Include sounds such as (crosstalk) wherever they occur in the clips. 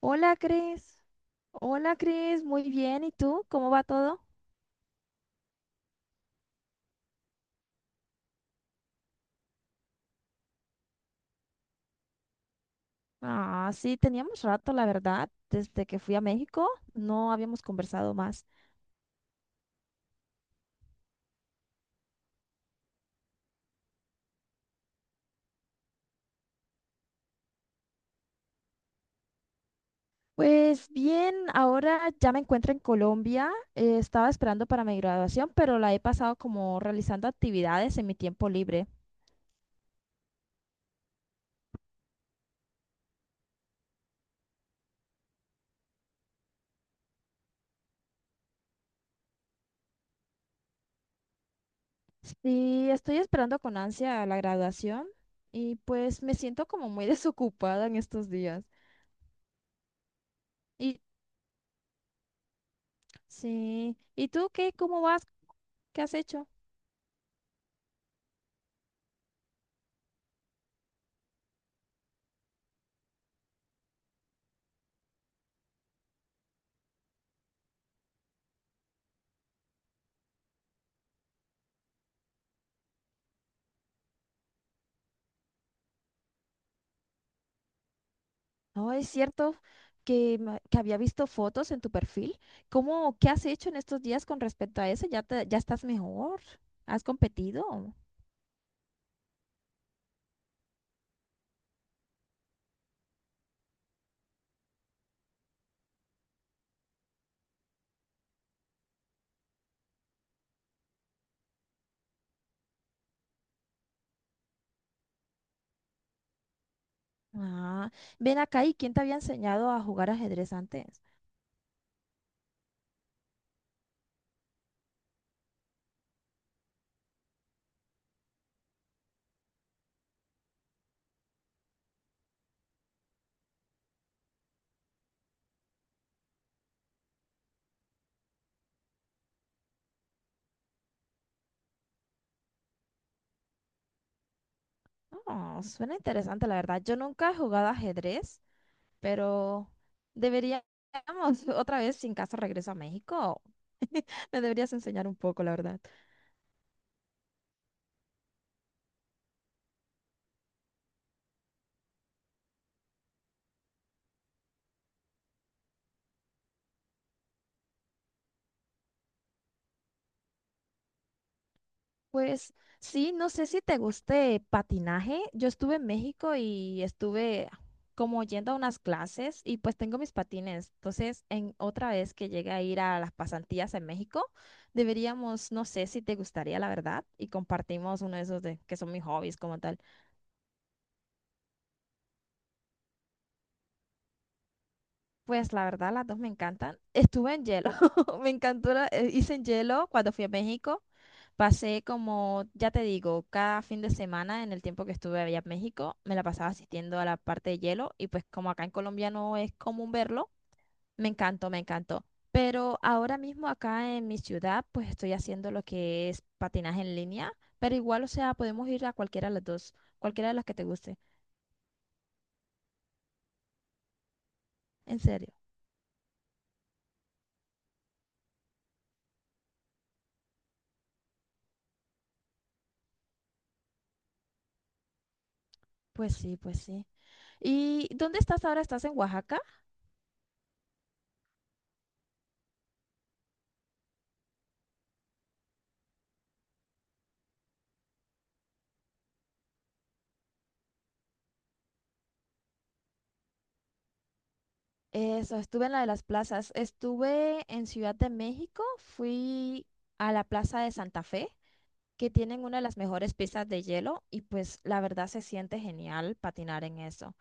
Hola, Cris. Hola, Cris. Muy bien. ¿Y tú? ¿Cómo va todo? Ah, sí, teníamos rato, la verdad. Desde que fui a México, no habíamos conversado más. Pues bien, ahora ya me encuentro en Colombia. Estaba esperando para mi graduación, pero la he pasado como realizando actividades en mi tiempo libre. Sí, estoy esperando con ansia la graduación y pues me siento como muy (laughs) desocupada en estos días. Y sí, ¿y tú qué? ¿Cómo vas? ¿Qué has hecho? No, es cierto que había visto fotos en tu perfil. ¿Cómo, qué has hecho en estos días con respecto a eso? ¿Ya estás mejor? ¿Has competido? Ah, ven acá, ¿y quién te había enseñado a jugar ajedrez antes? Oh, suena interesante, la verdad. Yo nunca he jugado ajedrez, pero deberíamos (laughs) otra vez, sin caso regreso a México. (laughs) Me deberías enseñar un poco, la verdad. Pues sí, no sé si te guste patinaje. Yo estuve en México y estuve como yendo a unas clases y pues tengo mis patines. Entonces, en otra vez que llegue a ir a las pasantías en México, deberíamos, no sé si te gustaría, la verdad, y compartimos uno de esos, de que son mis hobbies como tal. Pues la verdad, las dos me encantan. Estuve en hielo. (laughs) Me encantó, hice en hielo cuando fui a México. Pasé como, ya te digo, cada fin de semana en el tiempo que estuve allá en México, me la pasaba asistiendo a la parte de hielo y pues como acá en Colombia no es común verlo, me encantó, me encantó. Pero ahora mismo acá en mi ciudad, pues estoy haciendo lo que es patinaje en línea, pero igual, o sea, podemos ir a cualquiera de las dos, cualquiera de las que te guste, en serio. Pues sí, pues sí. ¿Y dónde estás ahora? ¿Estás en Oaxaca? Eso, estuve en la de las plazas. Estuve en Ciudad de México, fui a la Plaza de Santa Fe, que tienen una de las mejores pistas de hielo y pues la verdad se siente genial patinar en eso.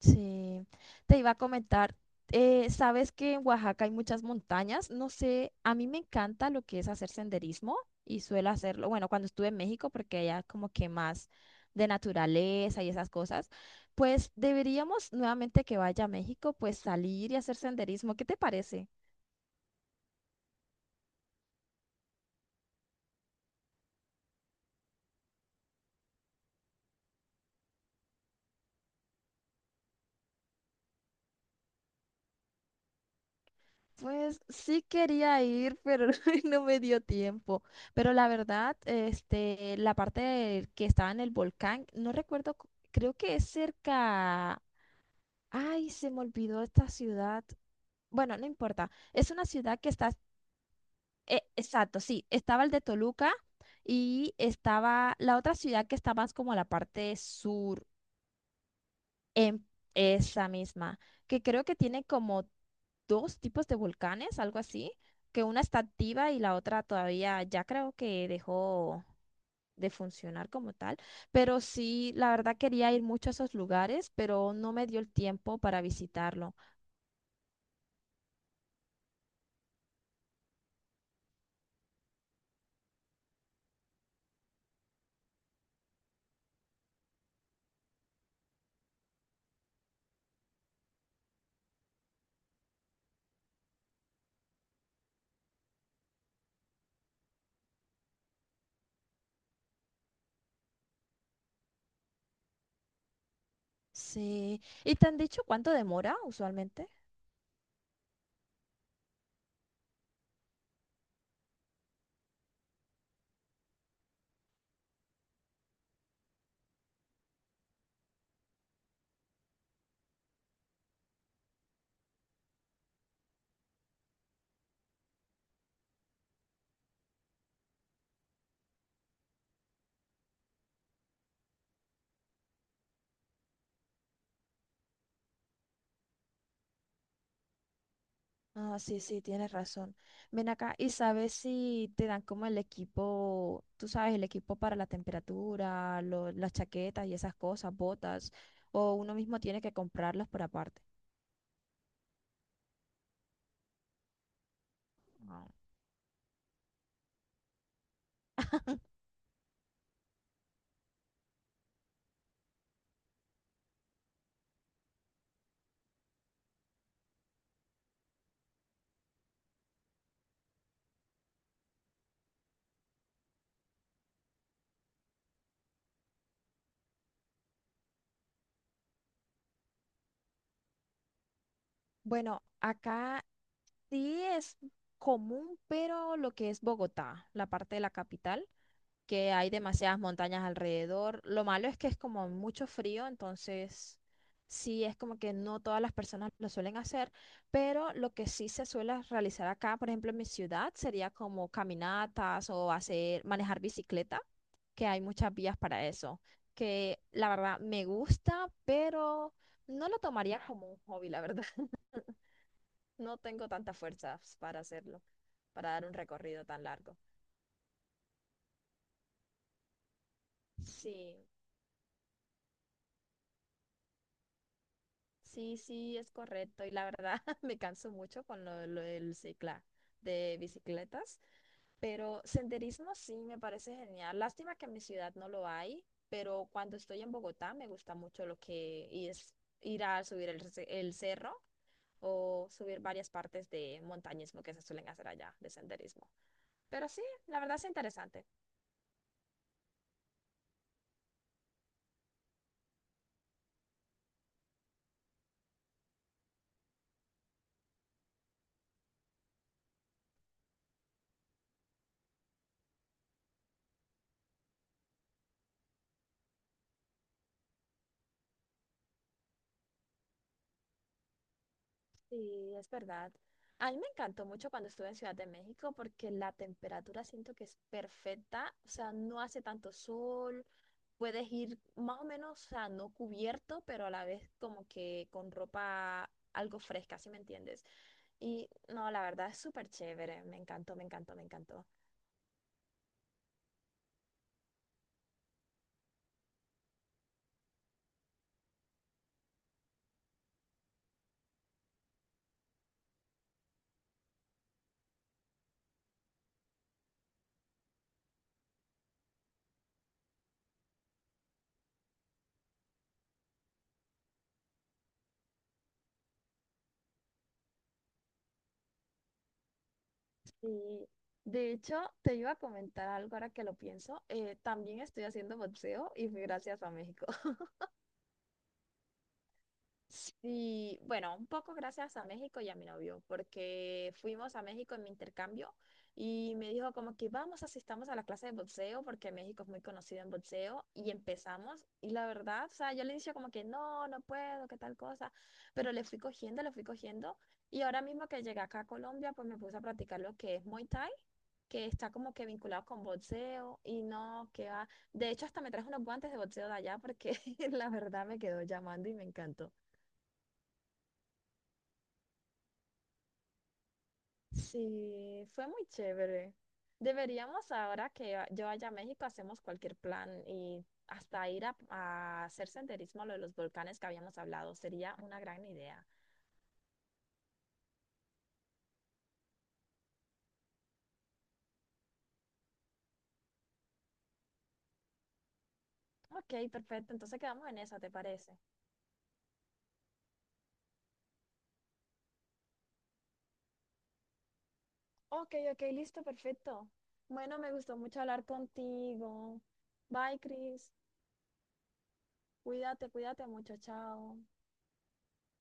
Sí, te iba a comentar, sabes que en Oaxaca hay muchas montañas, no sé, a mí me encanta lo que es hacer senderismo y suelo hacerlo, bueno, cuando estuve en México, porque allá como que más de naturaleza y esas cosas, pues deberíamos nuevamente que vaya a México, pues salir y hacer senderismo, ¿qué te parece? Pues sí quería ir, pero (laughs) no me dio tiempo. Pero la verdad, la parte que estaba en el volcán, no recuerdo, creo que es cerca. Ay, se me olvidó esta ciudad. Bueno, no importa. Es una ciudad que está, exacto, sí, estaba el de Toluca y estaba la otra ciudad que está más como a la parte sur, en esa misma, que creo que tiene como dos tipos de volcanes, algo así, que una está activa y la otra todavía ya creo que dejó de funcionar como tal, pero sí, la verdad quería ir mucho a esos lugares, pero no me dio el tiempo para visitarlo. Sí. ¿Y te han dicho cuánto demora usualmente? Ah, sí, sí, tienes razón. Ven acá y sabes si te dan como el equipo, tú sabes, el equipo para la temperatura, las chaquetas y esas cosas, botas, o uno mismo tiene que comprarlas por aparte. Ah. Bueno, acá sí es común, pero lo que es Bogotá, la parte de la capital, que hay demasiadas montañas alrededor. Lo malo es que es como mucho frío, entonces sí es como que no todas las personas lo suelen hacer, pero lo que sí se suele realizar acá, por ejemplo, en mi ciudad, sería como caminatas o hacer, manejar bicicleta, que hay muchas vías para eso, que la verdad me gusta, pero no lo tomaría como un hobby, la verdad. (laughs) No tengo tantas fuerzas para hacerlo, para dar un recorrido tan largo. Sí. Sí, sí, es correcto. Y la verdad (laughs) me canso mucho con lo del cicla de bicicletas, pero senderismo sí me parece genial. Lástima que en mi ciudad no lo hay, pero cuando estoy en Bogotá me gusta mucho lo que es ir a subir el, el cerro o subir varias partes de montañismo que se suelen hacer allá, de senderismo. Pero sí, la verdad es interesante. Sí, es verdad. A mí me encantó mucho cuando estuve en Ciudad de México porque la temperatura siento que es perfecta, o sea, no hace tanto sol, puedes ir más o menos, o sea, no cubierto, pero a la vez como que con ropa algo fresca, ¿si me entiendes? Y no, la verdad es súper chévere, me encantó, me encantó, me encantó. Sí, de hecho, te iba a comentar algo ahora que lo pienso, también estoy haciendo boxeo y fue gracias a México. Sí, bueno, un poco gracias a México y a mi novio, porque fuimos a México en mi intercambio y me dijo como que vamos, asistamos a la clase de boxeo, porque México es muy conocido en boxeo, y empezamos, y la verdad, o sea, yo le decía como que no, no puedo, qué tal cosa, pero le fui cogiendo, y ahora mismo que llegué acá a Colombia, pues me puse a practicar lo que es Muay Thai, que está como que vinculado con boxeo, y no, que va, de hecho hasta me traje unos guantes de boxeo de allá, porque (laughs) la verdad me quedó llamando y me encantó. Sí, fue muy chévere. Deberíamos ahora que yo vaya a México, hacemos cualquier plan y hasta ir a hacer senderismo a lo de los volcanes que habíamos hablado. Sería una gran idea. Ok, perfecto. Entonces quedamos en eso, ¿te parece? Ok, ok, listo, perfecto. Bueno, me gustó mucho hablar contigo. Bye, Chris. Cuídate, cuídate mucho. Chao.